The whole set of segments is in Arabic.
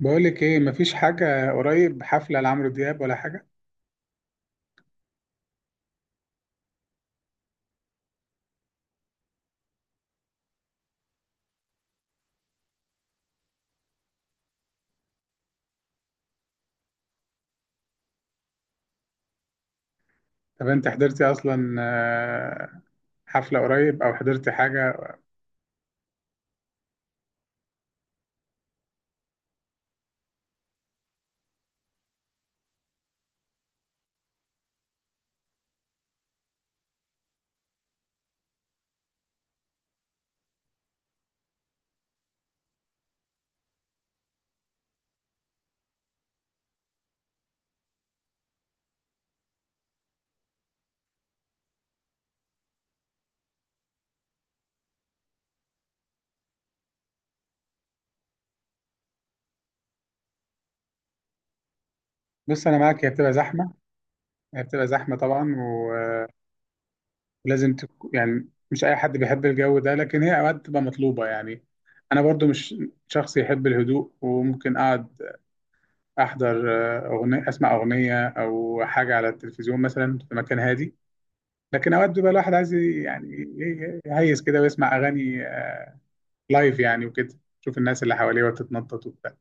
بقولك ايه، مفيش حاجة قريب، حفلة لعمرو دياب ولا حاجة؟ طب انت حضرتي اصلا حفلة قريب او حضرتي حاجة؟ بص انا معاك، هي بتبقى زحمة. هي بتبقى زحمة طبعا ولازم يعني مش اي حد بيحب الجو ده، لكن هي اوقات بتبقى مطلوبة يعني. انا برضو مش شخص يحب الهدوء، وممكن اقعد احضر اغنية، اسمع اغنية او حاجة على التلفزيون مثلا في مكان هادي. لكن اوقات بيبقى الواحد عايز يعني إيه، يهيس كده ويسمع اغاني لايف يعني وكده. شوف الناس اللي حواليه وتتنطط وبتاع.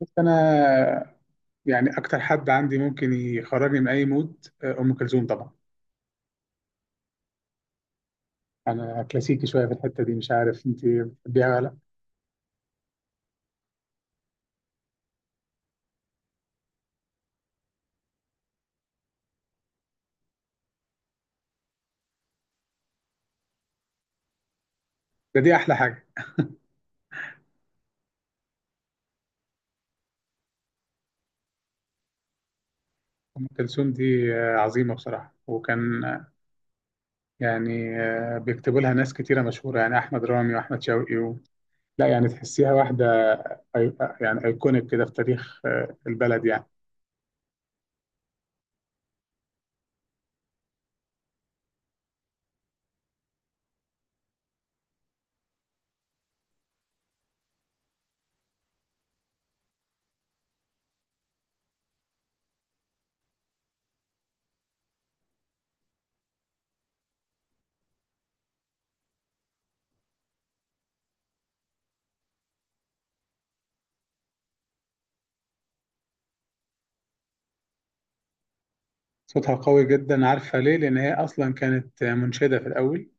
بس انا يعني اكتر حد عندي ممكن يخرجني من اي مود ام كلثوم طبعا. انا كلاسيكي شويه في الحته دي، مش عارف انت بتحبيها ولا لا. دي احلى حاجه. ام كلثوم دي عظيمه بصراحه، وكان يعني بيكتبوا لها ناس كتيره مشهوره، يعني احمد رامي واحمد شوقي لا يعني تحسيها واحده. أي... آه، يعني ايكونيك كده في تاريخ البلد يعني. صوتها قوي جدا، عارفه ليه؟ لان هي اصلا كانت منشده في الاول،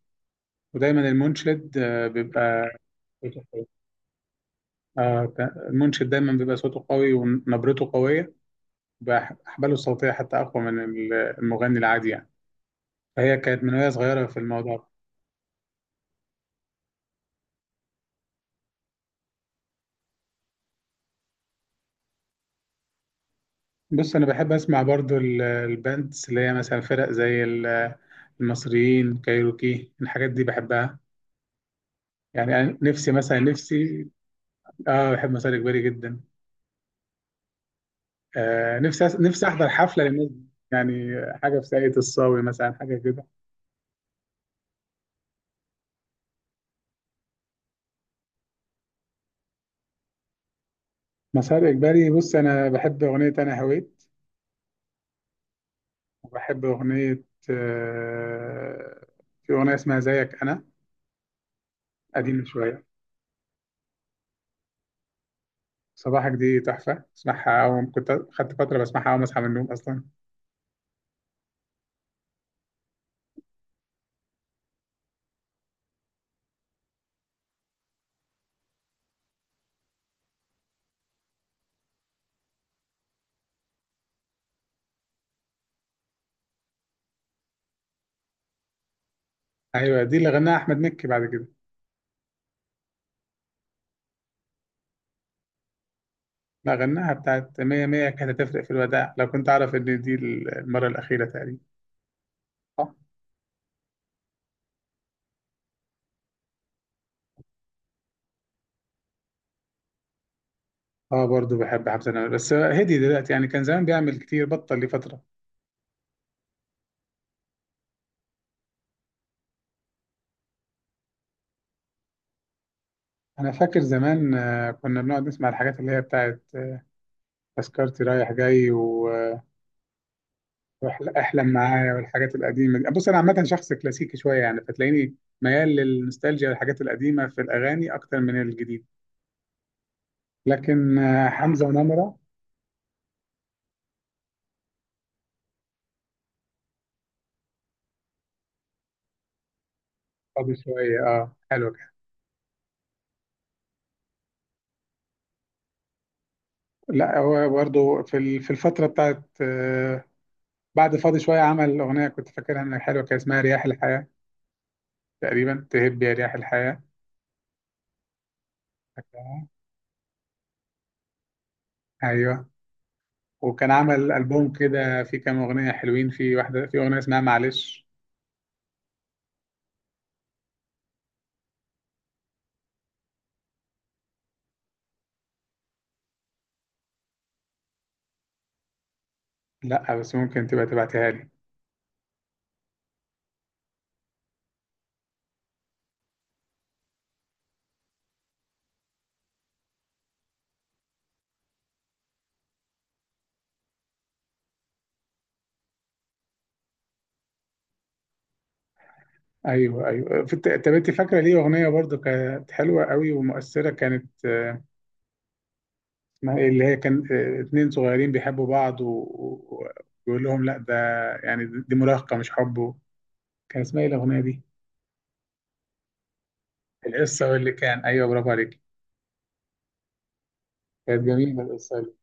ودايما المنشد بيبقى صوته قوي. آه ت- المنشد دايما بيبقى صوته قوي ونبرته قوية، بأحباله الصوتية حتى أقوى من المغني العادي يعني. فهي كانت من وهي صغيرة في الموضوع ده. بص، أنا بحب أسمع برضو الباندز، اللي هي مثلا فرق زي المصريين، كايروكي، الحاجات دي بحبها. يعني أنا نفسي مثلا، نفسي بحب مسار إجباري جدا. نفسي نفسي أحضر حفلة للناس دي. يعني حاجة في ساقية الصاوي مثلا، حاجة كده. مسار إجباري، بص أنا بحب أغنية أنا هويت، وبحب أغنية. آه، في أغنية اسمها زيك أنا، قديمة شوية. صباحك دي تحفة، اسمعها أول، كنت خدت فترة بسمعها أول ما أصحى من النوم أصلا. أيوة، دي اللي غناها أحمد مكي بعد كده. لا، غناها. بتاعت مية مية، كانت هتفرق في الوداع لو كنت أعرف إن دي المرة الأخيرة تقريبا. صح؟ اه، برضو بحب حمزة نمرة، بس هدي دلوقتي يعني، كان زمان بيعمل كتير، بطل لفترة. أنا فاكر زمان كنا بنقعد نسمع الحاجات اللي هي بتاعت تذكرتي رايح جاي، و آه، واحلم أحلم معايا والحاجات القديمه دي. بص انا عامه شخص كلاسيكي شويه يعني، فتلاقيني ميال للنوستالجيا والحاجات القديمه في الاغاني اكتر من الجديد. لكن حمزه ونمره. فاضي شويه، اه حلو كده. لا، هو برضه في الفتره بتاعت بعد فاضي شويه، عمل اغنيه كنت فاكرها انها حلوه، كان اسمها رياح الحياه تقريبا، تهب يا رياح الحياه. فاكرها؟ ايوه. وكان عمل البوم كده فيه كام اغنيه حلوين، في واحده، في اغنيه اسمها معلش. لا بس ممكن تبقى تبعتها لي. ايوه ايوه، طب انت فاكره ليه اغنيه برضو كانت حلوه قوي ومؤثره، كانت اسمها ايه اللي هي كان اتنين صغيرين بيحبوا بعض ويقول لهم لا، ده يعني دي مراهقه مش حب. كان اسمها ايه الاغنيه دي؟ القصه واللي كان، ايوه برافو عليك. كانت جميله القصه دي.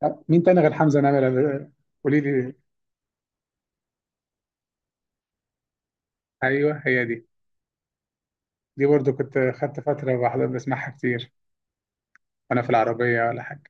طب مين تاني غير حمزه نمره؟ آه، قولي لي. ايوه هي دي، دي برضو كنت خدت فتره بحضر بسمعها كتير وانا في العربيه ولا حاجه.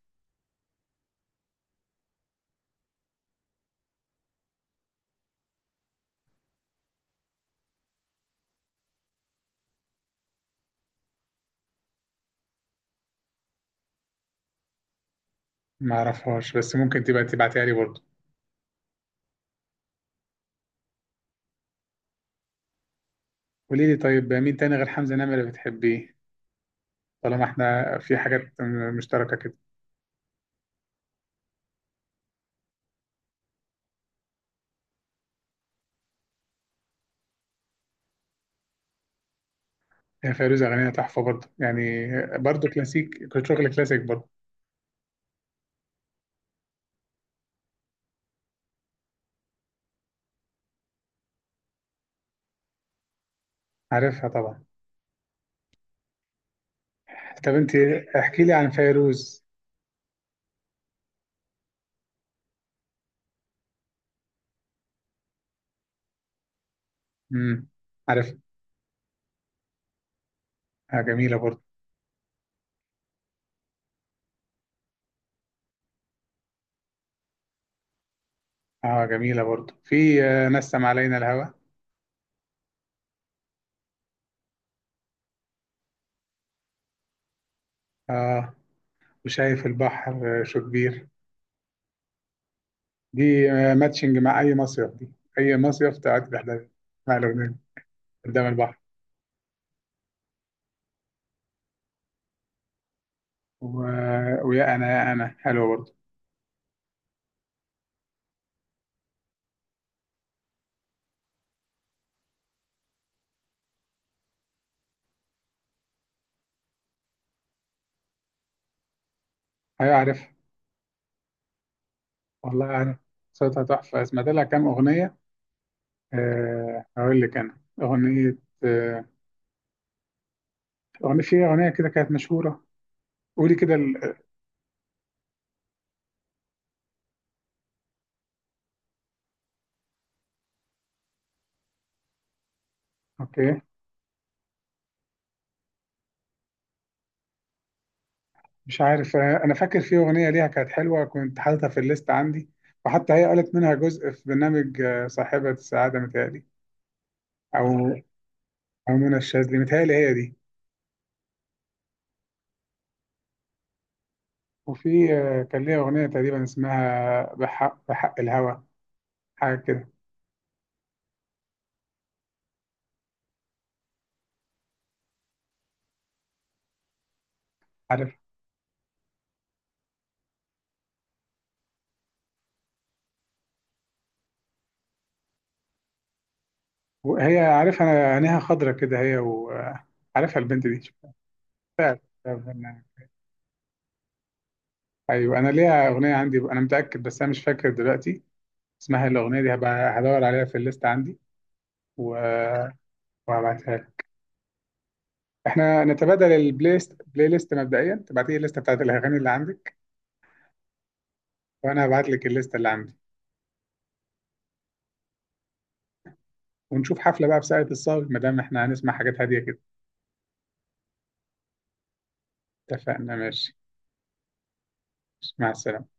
ما اعرفهاش، بس ممكن تبقى تبعتها لي برضو. قولي لي طيب، مين تاني غير حمزه نمره بتحبيه؟ طالما احنا في حاجات مشتركه كده. هي فيروز اغانيها تحفه برضه يعني. برضه كلاسيك، كنت شغل كلاسيك برضه. عارفها طبعا. طب انت احكي لي عن فيروز. امم، عارفها. آه، جميله برضه. اه جميله برضه، في نسم علينا الهوى. اه، وشايف البحر شو كبير. دي ماتشنج مع اي مصيف. دي اي مصيف تقعد تحلم مع الاغنيه قدام البحر. و... ويا انا يا انا حلوه برضه. ايوه عارفها. والله عارف، صوتها تحفه، سمعت لها كام اغنيه. أه، هقول لك. أنا أغنية، أه أغنية، في أغنية كده كانت مشهورة. قولي كده أوكي. مش عارف، أنا فاكر في أغنية ليها كانت حلوة، كنت حاططها في الليست عندي، وحتى هي قالت منها جزء في برنامج صاحبة السعادة متهيألي، أو أو منى الشاذلي متهيألي، هي دي. وفي كان ليها أغنية تقريبا اسمها بحق بحق الهوى، حاجة كده. عارف. وهي عارفها أنا، عينيها خضرة كده هي، وعارفها البنت دي. شفتها. ايوه، انا ليها اغنيه عندي، انا متاكد، بس انا مش فاكر دلوقتي اسمها الاغنيه دي، هبقى هدور عليها في الليست عندي و... وهبعتها لك. احنا نتبادل البلاي ليست. بلاي ليست، مبدئيا تبعتي لي الليسته بتاعت الاغاني اللي عندك، وانا هبعت لك الليسته اللي عندي. ونشوف حفله بقى بساعة الصاوي، ما دام احنا هنسمع حاجات هاديه كده. اتفقنا ماشي. مع السلامه.